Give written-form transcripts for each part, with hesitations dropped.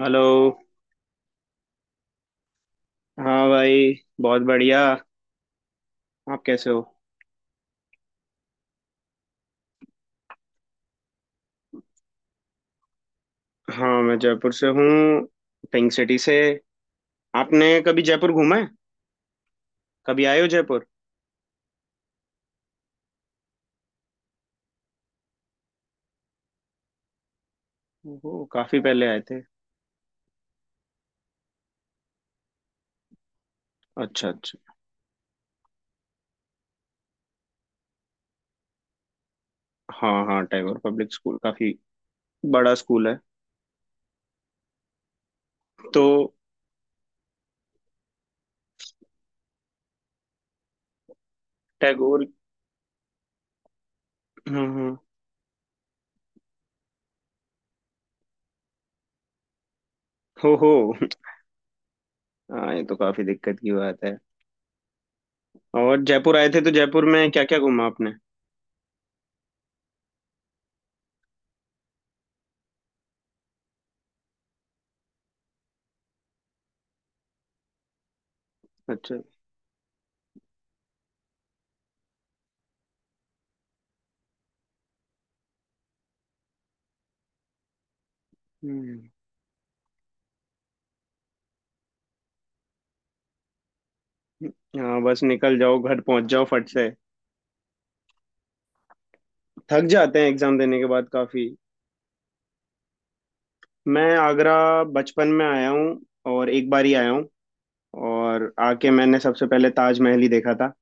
Hello. हाँ भाई, बहुत बढ़िया। आप कैसे हो? हाँ, मैं जयपुर से हूँ, पिंक सिटी से। आपने कभी जयपुर घूमा है? कभी आए हो जयपुर? ओहो, काफी पहले आए थे। अच्छा, अच्छा। हाँ हाँ, टैगोर पब्लिक स्कूल काफी बड़ा स्कूल है। तो टैगोर। हम्म, हम्म। हो हो। हाँ, ये तो काफी दिक्कत की बात है। और जयपुर आए थे तो जयपुर में क्या क्या घूमा आपने? अच्छा। हम्म। हाँ, बस निकल जाओ, घर पहुंच जाओ फट से। थक जाते हैं एग्जाम देने के बाद काफी। मैं आगरा बचपन में आया हूँ, और एक बार ही आया हूँ। और आके मैंने सबसे पहले ताजमहल ही देखा था।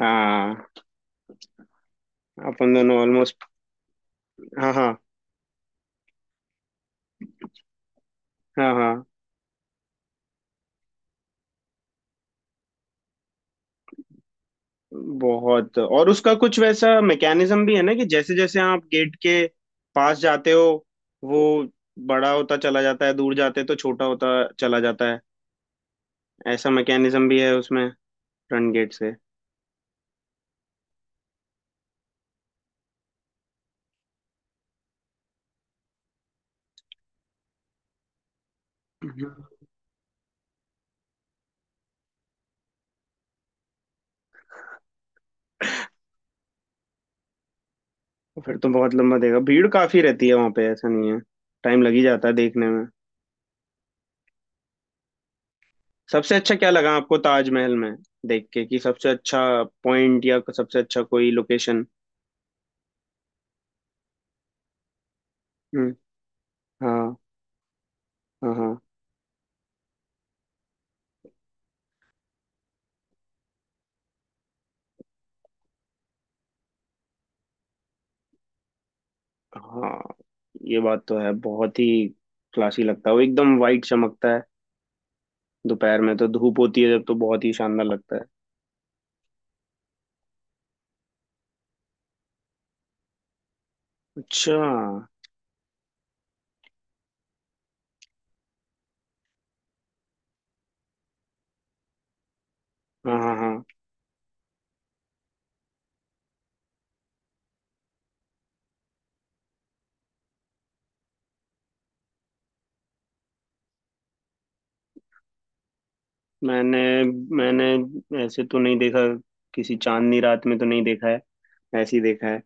हाँ। अपन दोनों ऑलमोस्ट। हाँ, हाँ, हाँ, हाँ। बहुत, और उसका कुछ वैसा मैकेनिज्म भी है ना कि जैसे जैसे आप गेट के पास जाते हो, वो बड़ा होता चला जाता है, दूर जाते तो छोटा होता चला जाता है। ऐसा मैकेनिज्म भी है उसमें, फ्रंट गेट से। हम्म। फिर तो बहुत लंबा देगा, भीड़ काफी रहती है वहां पे, ऐसा नहीं है। टाइम लग ही जाता है देखने में। सबसे अच्छा क्या लगा आपको ताजमहल में देख के? कि सबसे अच्छा पॉइंट या सबसे अच्छा कोई लोकेशन? हम्म। हाँ, हाँ, हाँ, हाँ। ये बात तो है, बहुत ही क्लासी लगता है वो, एकदम वाइट चमकता है। दोपहर में तो धूप होती है जब, तो बहुत ही शानदार लगता है। अच्छा, हाँ हाँ। हाँ। मैंने मैंने ऐसे तो नहीं देखा, किसी चांदनी रात में तो नहीं देखा है, ऐसे ही देखा है।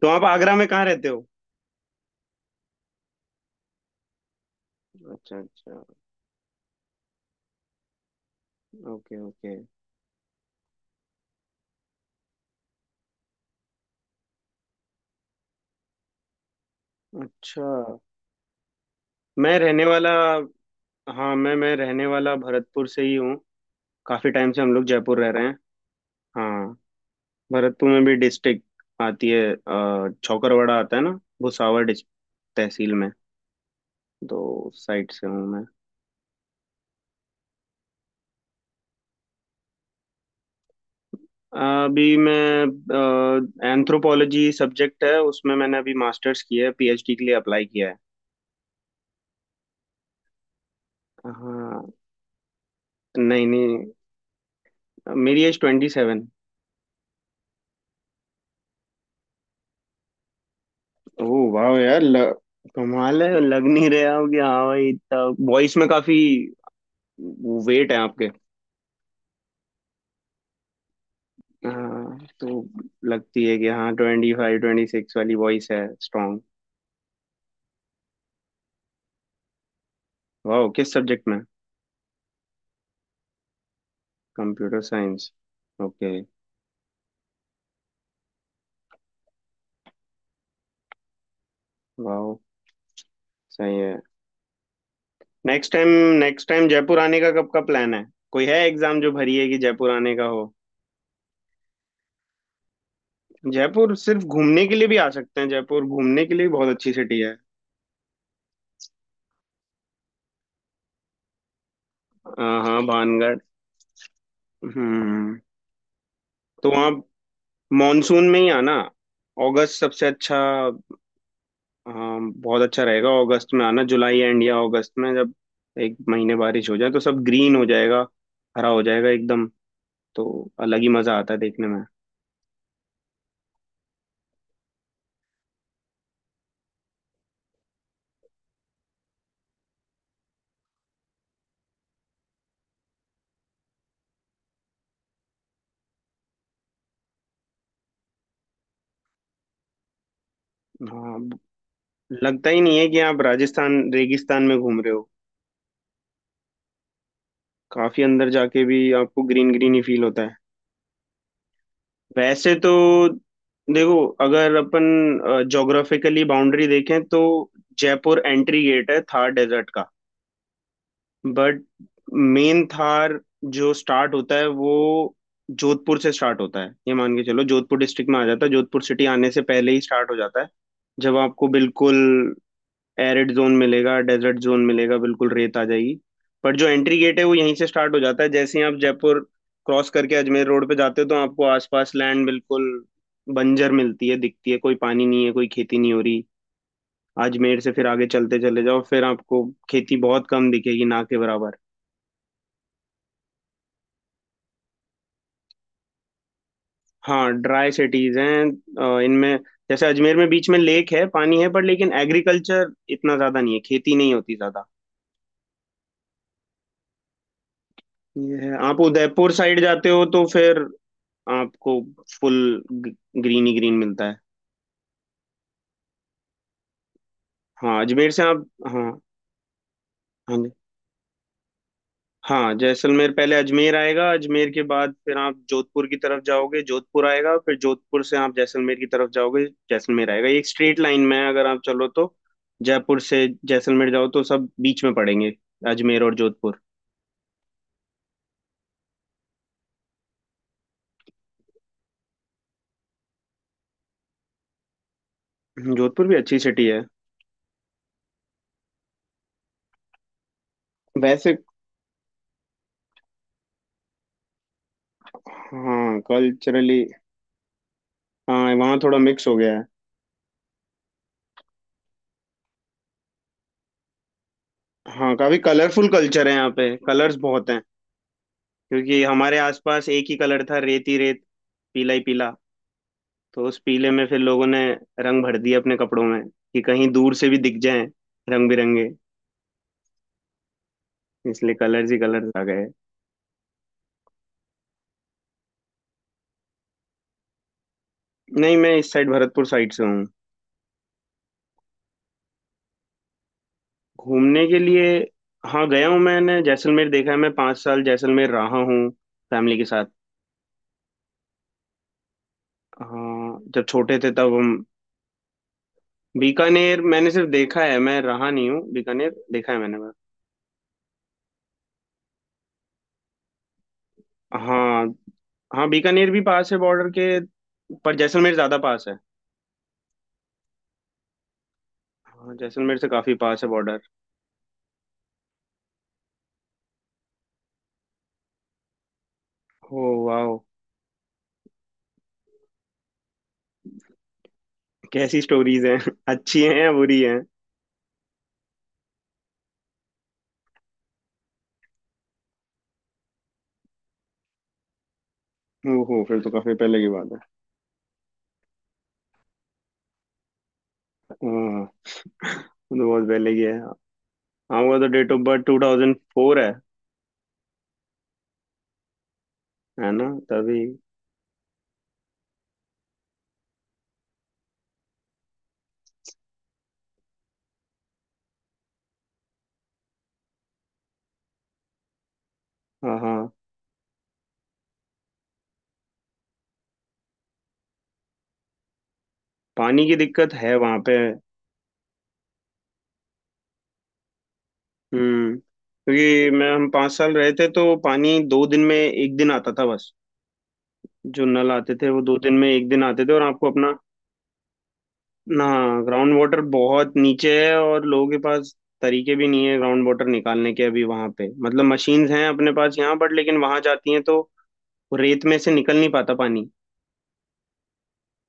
तो आप आगरा में कहाँ रहते हो? अच्छा, अच्छा। Okay, okay. अच्छा। मैं रहने वाला। हाँ, मैं रहने वाला भरतपुर से ही हूँ। काफी टाइम से हम लोग जयपुर रह रहे हैं। हाँ, भरतपुर में भी डिस्ट्रिक्ट आती है, चौकरवाड़ा आता है ना। भुसावर तहसील में। तो साइड से हूँ मैं। अभी मैं, एंथ्रोपोलॉजी सब्जेक्ट है उसमें, मैंने अभी मास्टर्स किया है, पीएचडी के लिए अप्लाई किया है। हाँ। नहीं, नहीं, मेरी एज 27। ओह वाह यार, कमाल है, लग नहीं रहे आप कि हाँ भाई इतना, वॉइस में काफी वेट है आपके। हाँ, तो। लगती है कि हाँ 25-26 वाली वॉइस है, स्ट्रॉन्ग। वाह, किस सब्जेक्ट में? Computer science. ओके। वाह, सही है। Next time next time Jaipur आने का कब का प्लान है? कोई है एग्जाम जो भरी है कि जयपुर आने का हो? जयपुर सिर्फ घूमने के लिए भी आ सकते हैं, जयपुर घूमने के लिए भी बहुत अच्छी सिटी है। हाँ हाँ, भानगढ़। हम्म। तो वहाँ मॉनसून में ही आना, अगस्त सबसे अच्छा। हाँ, बहुत अच्छा रहेगा अगस्त में आना, जुलाई एंड या अगस्त में, जब एक महीने बारिश हो जाए तो सब ग्रीन हो जाएगा। हरा हो जाएगा एकदम। तो अलग ही मजा आता है देखने में। हाँ। लगता ही नहीं है कि आप राजस्थान रेगिस्तान में घूम रहे हो। काफी अंदर जाके भी आपको ग्रीन ग्रीन ही फील होता है। वैसे तो देखो, अगर अपन ज्योग्राफिकली बाउंड्री देखें तो जयपुर एंट्री गेट है थार डेजर्ट का। बट मेन थार जो स्टार्ट होता है वो जोधपुर से स्टार्ट होता है। ये मान के चलो, जोधपुर डिस्ट्रिक्ट में आ जाता है, जोधपुर सिटी आने से पहले ही स्टार्ट हो जाता है। जब आपको बिल्कुल एरिड जोन मिलेगा, डेजर्ट जोन मिलेगा, बिल्कुल रेत आ जाएगी। पर जो एंट्री गेट है वो यहीं से स्टार्ट हो जाता है। जैसे ही आप जयपुर क्रॉस करके अजमेर रोड पे जाते हो तो आपको आसपास लैंड बिल्कुल बंजर मिलती है, दिखती है, कोई पानी नहीं है, कोई खेती नहीं हो रही। अजमेर से फिर आगे चलते चले जाओ, फिर आपको खेती बहुत कम दिखेगी, ना के बराबर। हाँ, ड्राई सिटीज हैं, इनमें जैसे अजमेर में बीच में लेक है, पानी है, पर लेकिन एग्रीकल्चर इतना ज्यादा नहीं है, खेती नहीं होती ज्यादा। ये है, आप उदयपुर साइड जाते हो तो फिर आपको फुल ग्रीन ही ग्रीन मिलता है। हाँ, अजमेर से आप, हाँ। हाँ हाँ, जैसलमेर पहले अजमेर आएगा, अजमेर के बाद फिर आप जोधपुर की तरफ जाओगे, जोधपुर आएगा, फिर जोधपुर से आप जैसलमेर की तरफ जाओगे, जैसलमेर आएगा। ये एक स्ट्रेट लाइन में है अगर आप चलो तो। जयपुर से जैसलमेर जाओ तो सब बीच में पड़ेंगे, अजमेर और जोधपुर। जोधपुर भी अच्छी सिटी है वैसे। हाँ कल्चरली। हाँ, वहाँ थोड़ा मिक्स हो गया है। हाँ, काफी कलरफुल कल्चर है यहाँ पे, कलर्स बहुत हैं। क्योंकि हमारे आसपास एक ही कलर था, रेत ही रेत, पीला ही पीला। तो उस पीले में फिर लोगों ने रंग भर दिए अपने कपड़ों में, कि कहीं दूर से भी दिख जाएं, रंग बिरंगे। इसलिए कलर्स ही कलर्स आ गए। नहीं, मैं इस साइड, भरतपुर साइड से हूँ। घूमने के लिए। हाँ, गया हूँ, मैंने जैसलमेर देखा है, मैं 5 साल जैसलमेर रहा हूँ, फैमिली के साथ। हाँ, जब छोटे थे तब हम। बीकानेर मैंने सिर्फ देखा है, मैं रहा नहीं हूँ, बीकानेर देखा है मैंने बस। हाँ। हाँ, बीकानेर भी पास है बॉर्डर के, पर जैसलमेर ज्यादा पास है। हाँ, जैसलमेर से काफी पास है बॉर्डर। ओ वाह। कैसी स्टोरीज हैं अच्छी हैं या बुरी हैं? ओहो, फिर तो काफी पहले की बात है। हाँ, वो तो बहुत पहले की है। हाँ, वो तो डेट ऑफ बर्थ 2004 है। है ना तभी। हाँ, हाँ। पानी की दिक्कत है वहां पे। हम्म, क्योंकि मैं हम 5 साल रहे थे तो पानी 2 दिन में 1 दिन आता था बस। जो नल आते थे वो 2 दिन में 1 दिन आते थे, और आपको अपना। ना। ग्राउंड वाटर बहुत नीचे है, और लोगों के पास तरीके भी नहीं है ग्राउंड वाटर निकालने के, अभी वहां पे मतलब मशीन्स हैं अपने पास यहाँ, बट लेकिन वहां जाती हैं तो वो रेत में से निकल नहीं पाता पानी।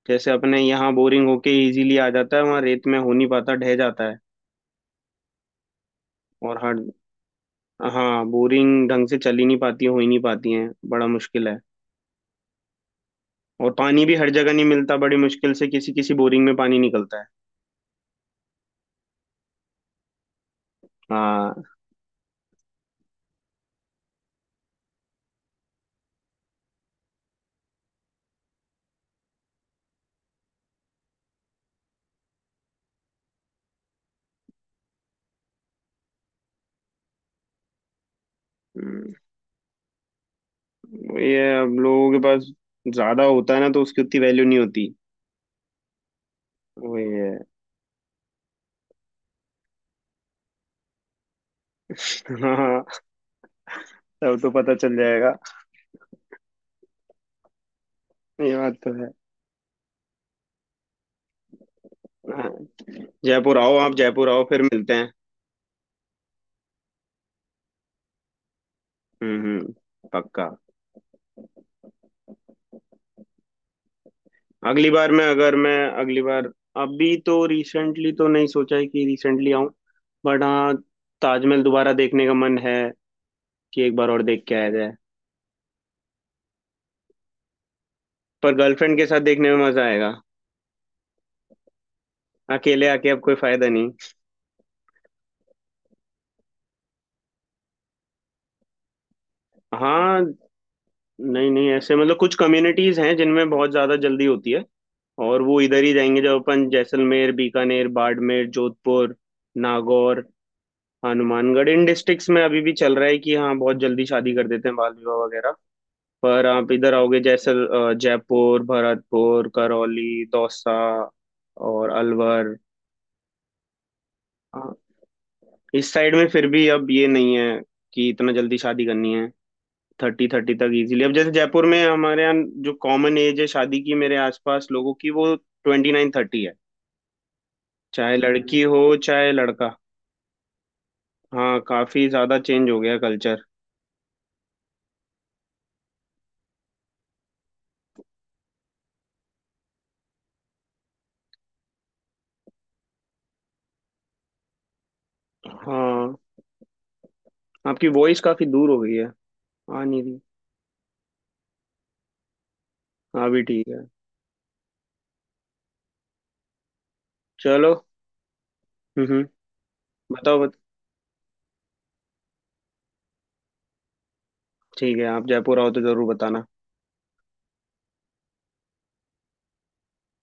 जैसे अपने यहाँ बोरिंग होके इजीली आ जाता है, वहाँ रेत में हो नहीं पाता, ढह जाता है। और हर। हाँ, बोरिंग ढंग से चल ही नहीं पाती, हो ही नहीं पाती है, बड़ा मुश्किल है। और पानी भी हर जगह नहीं मिलता, बड़ी मुश्किल से किसी किसी बोरिंग में पानी निकलता है। हाँ। हम्म। ये अब लोगों के पास ज्यादा होता है ना, तो उसकी उतनी वैल्यू नहीं होती। वही है। हाँ, तब तो पता चल जाएगा। ये बात तो है। हाँ, जयपुर आओ, आप जयपुर आओ फिर मिलते हैं। हम्म, हम्म। पक्का। अगली बार मैं अगर मैं अगली बार, अभी तो रिसेंटली तो नहीं सोचा है कि रिसेंटली आऊं, बट हाँ, ताजमहल दोबारा देखने का मन है, कि एक बार और देख के आया जाए। पर गर्लफ्रेंड के साथ देखने में मजा आएगा, अकेले आके अब कोई फायदा नहीं। हाँ। नहीं, नहीं, ऐसे मतलब कुछ कम्युनिटीज हैं जिनमें बहुत ज्यादा जल्दी होती है। और वो इधर ही जाएंगे, जब अपन जैसलमेर, बीकानेर, बाड़मेर, जोधपुर, नागौर, हनुमानगढ़, इन डिस्ट्रिक्ट्स में अभी भी चल रहा है कि हाँ, बहुत जल्दी शादी कर देते हैं, बाल विवाह वगैरह। पर आप इधर आओगे, जयपुर, भरतपुर, करौली, दौसा और अलवर। हाँ, इस साइड में फिर भी अब ये नहीं है कि इतना जल्दी शादी करनी है। 30-30 तक इजीली, अब जैसे जयपुर में हमारे यहाँ जो कॉमन एज है शादी की, मेरे आसपास लोगों की, वो 29-30 है। चाहे लड़की हो चाहे लड़का। हाँ, काफी ज्यादा चेंज हो गया कल्चर। हाँ। आपकी वॉइस काफी दूर हो गई है, आ नहीं रही। हाँ भी ठीक है। चलो। हम्म, हम्म। बताओ, ठीक है, आप जयपुर आओ तो जरूर बताना।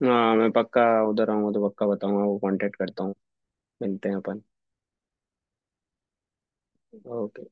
हाँ, मैं पक्का उधर आऊंगा तो पक्का बताऊंगा, वो कांटेक्ट करता हूँ। मिलते हैं अपन। ओके।